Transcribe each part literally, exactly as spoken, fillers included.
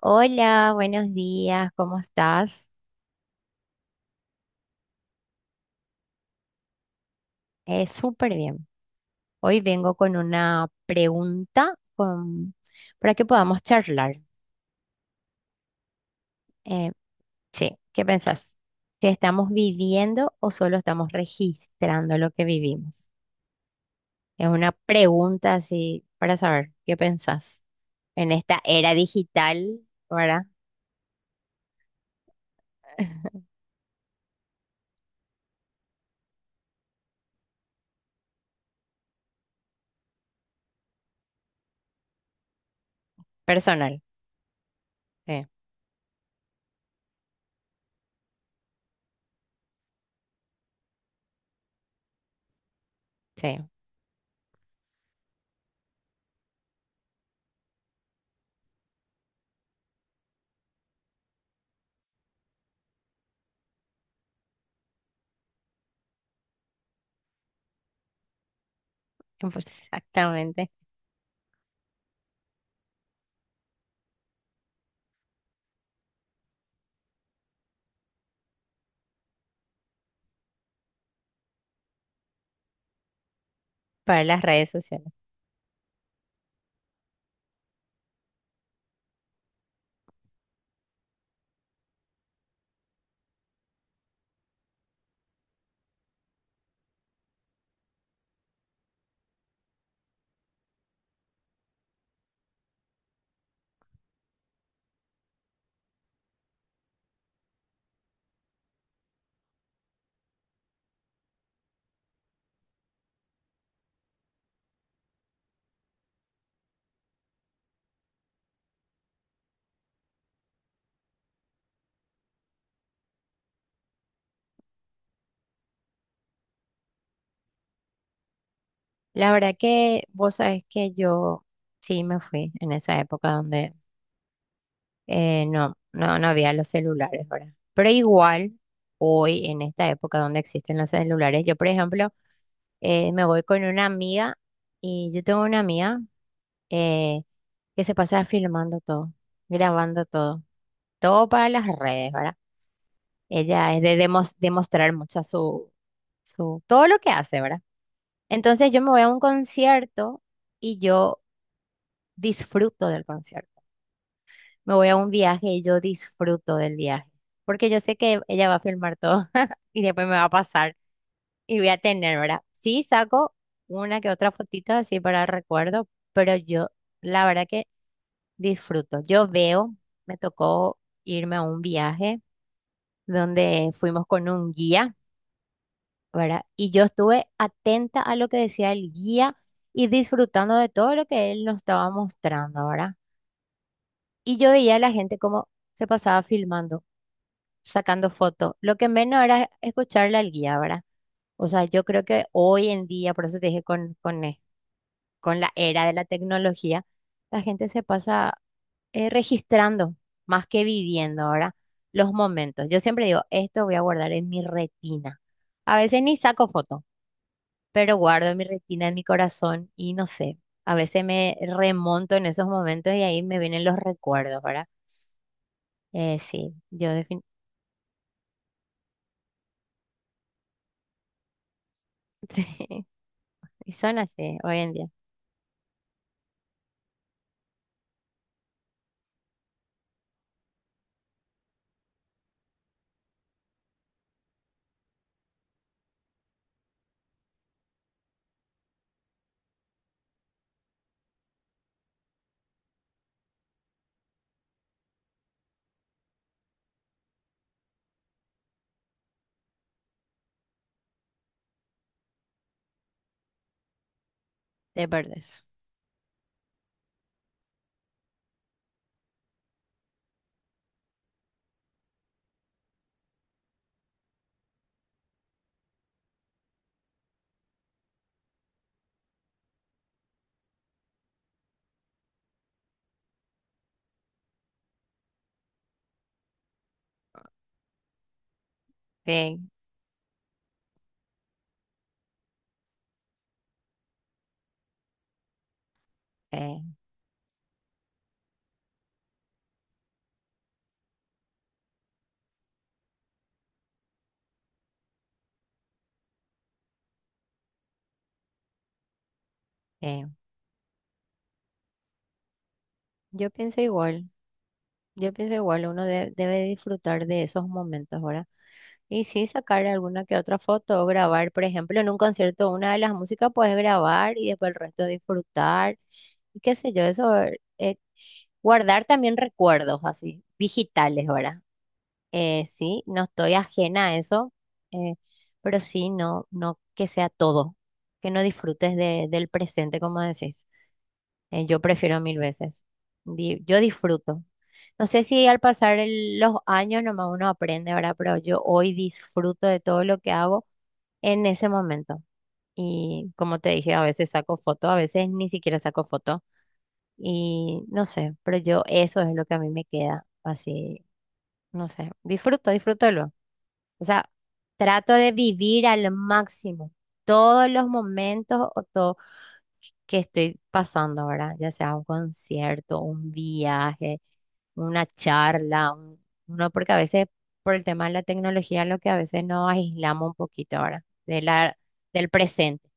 Hola, buenos días, ¿cómo estás? Eh, súper bien. Hoy vengo con una pregunta con- para que podamos charlar. Eh, sí, ¿qué pensás? ¿Que estamos viviendo o solo estamos registrando lo que vivimos? Es una pregunta así para saber qué pensás en esta era digital, ¿verdad? Personal. Sí, sí, exactamente, para las redes sociales. La verdad que vos sabés que yo sí me fui en esa época donde eh, no, no, no había los celulares, ¿verdad? Pero igual, hoy, en esta época donde existen los celulares, yo, por ejemplo, eh, me voy con una amiga y yo tengo una amiga eh, que se pasa filmando todo, grabando todo, todo para las redes, ¿verdad? Ella es de demos- demostrar mucho su, su, todo lo que hace, ¿verdad? Entonces yo me voy a un concierto y yo disfruto del concierto. Me voy a un viaje y yo disfruto del viaje, porque yo sé que ella va a filmar todo y después me va a pasar y voy a tener, ¿verdad? Sí, saco una que otra fotito así para recuerdo, pero yo la verdad que disfruto. Yo veo, me tocó irme a un viaje donde fuimos con un guía, ¿verdad? Y yo estuve atenta a lo que decía el guía y disfrutando de todo lo que él nos estaba mostrando, ¿verdad? Y yo veía a la gente como se pasaba filmando, sacando fotos. Lo que menos era escucharle al guía, ¿verdad? O sea, yo creo que hoy en día, por eso te dije con, con, eh, con la era de la tecnología, la gente se pasa eh, registrando más que viviendo ahora los momentos. Yo siempre digo, esto voy a guardar en mi retina. A veces ni saco foto, pero guardo en mi retina, en mi corazón y no sé, a veces me remonto en esos momentos y ahí me vienen los recuerdos, ¿verdad? Eh, sí, yo definitivamente. Y son así hoy en día, de verdes. Sí, sí eh. Yo pienso igual, yo pienso igual, uno de- debe disfrutar de esos momentos, ¿verdad? Y sí, sacar alguna que otra foto o grabar, por ejemplo, en un concierto, una de las músicas puedes grabar y después el resto disfrutar, y qué sé yo, eso, eh, guardar también recuerdos así, digitales, ¿verdad? Eh, sí, no estoy ajena a eso, eh, pero sí, no, no que sea todo, que no disfrutes de- del presente, como decís. Eh, yo prefiero mil veces. Di- yo disfruto. No sé si al pasar el- los años nomás uno aprende, ¿verdad? Pero yo hoy disfruto de todo lo que hago en ese momento. Y como te dije, a veces saco foto, a veces ni siquiera saco foto. Y no sé, pero yo eso es lo que a mí me queda así, no sé, disfruto, disfrútalo. O sea, trato de vivir al máximo todos los momentos o todo que estoy pasando ahora, ya sea un concierto, un viaje, una charla, un- uno, porque a veces por el tema de la tecnología, lo que a veces nos aislamos un poquito ahora de la, del presente.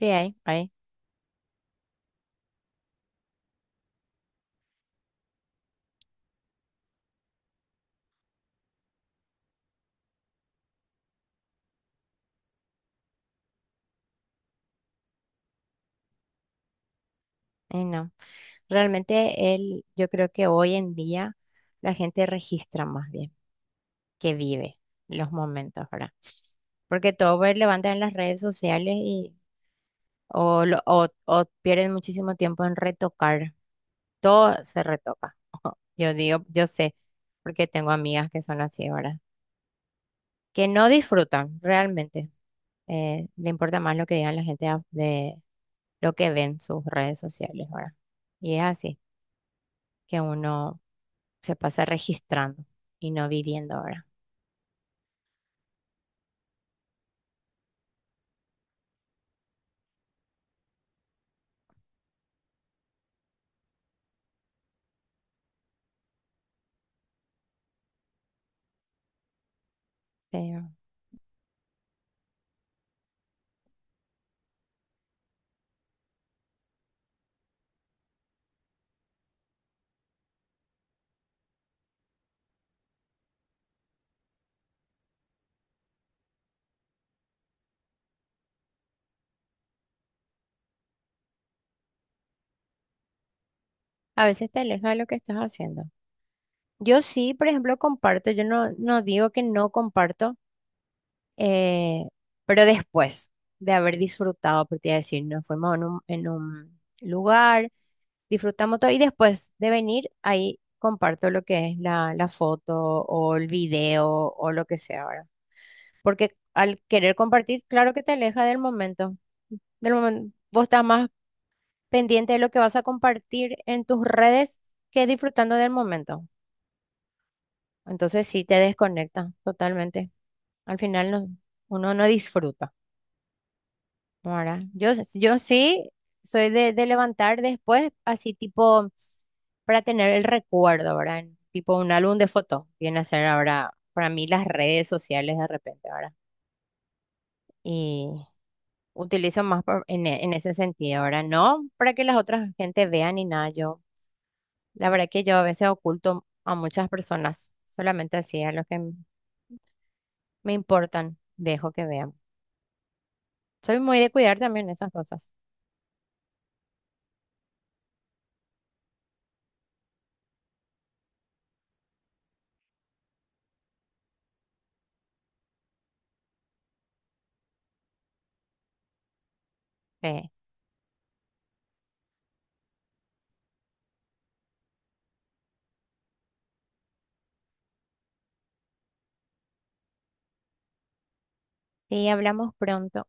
Sí, ahí, ahí, ahí no. Realmente el, yo creo que hoy en día la gente registra más bien que vive los momentos, ¿verdad? Porque todo pues, levantan en las redes sociales y o, lo- o, o pierden muchísimo tiempo en retocar. Todo se retoca. Yo digo, yo sé, porque tengo amigas que son así ahora, que no disfrutan realmente. Eh, le importa más lo que digan la gente a- de lo que ven sus redes sociales ahora. Y es así, que uno se pasa registrando y no viviendo ahora. Pero a veces te aleja de lo que estás haciendo. Yo sí, por ejemplo, comparto, yo no, no digo que no comparto, eh, pero después de haber disfrutado, por te iba a decir, nos fuimos en un, en un lugar, disfrutamos todo y después de venir ahí comparto lo que es la, la foto o el video o lo que sea ahora. Porque al querer compartir, claro que te aleja del momento, del momento. Vos estás más pendiente de lo que vas a compartir en tus redes que disfrutando del momento. Entonces sí te desconecta totalmente. Al final no- uno no disfruta. Ahora, yo, yo sí soy de, de levantar después, así tipo, para tener el recuerdo, ¿verdad? En tipo un álbum de fotos, viene a ser ahora para mí las redes sociales de repente, ¿verdad? Y utilizo más por- en, e- en ese sentido, ¿verdad? No para que las otras gente vean ni nada. Yo, la verdad que yo a veces oculto a muchas personas, solamente así a los que m- me importan, dejo que vean. Soy muy de cuidar también esas cosas. Sí. Sí, hablamos pronto.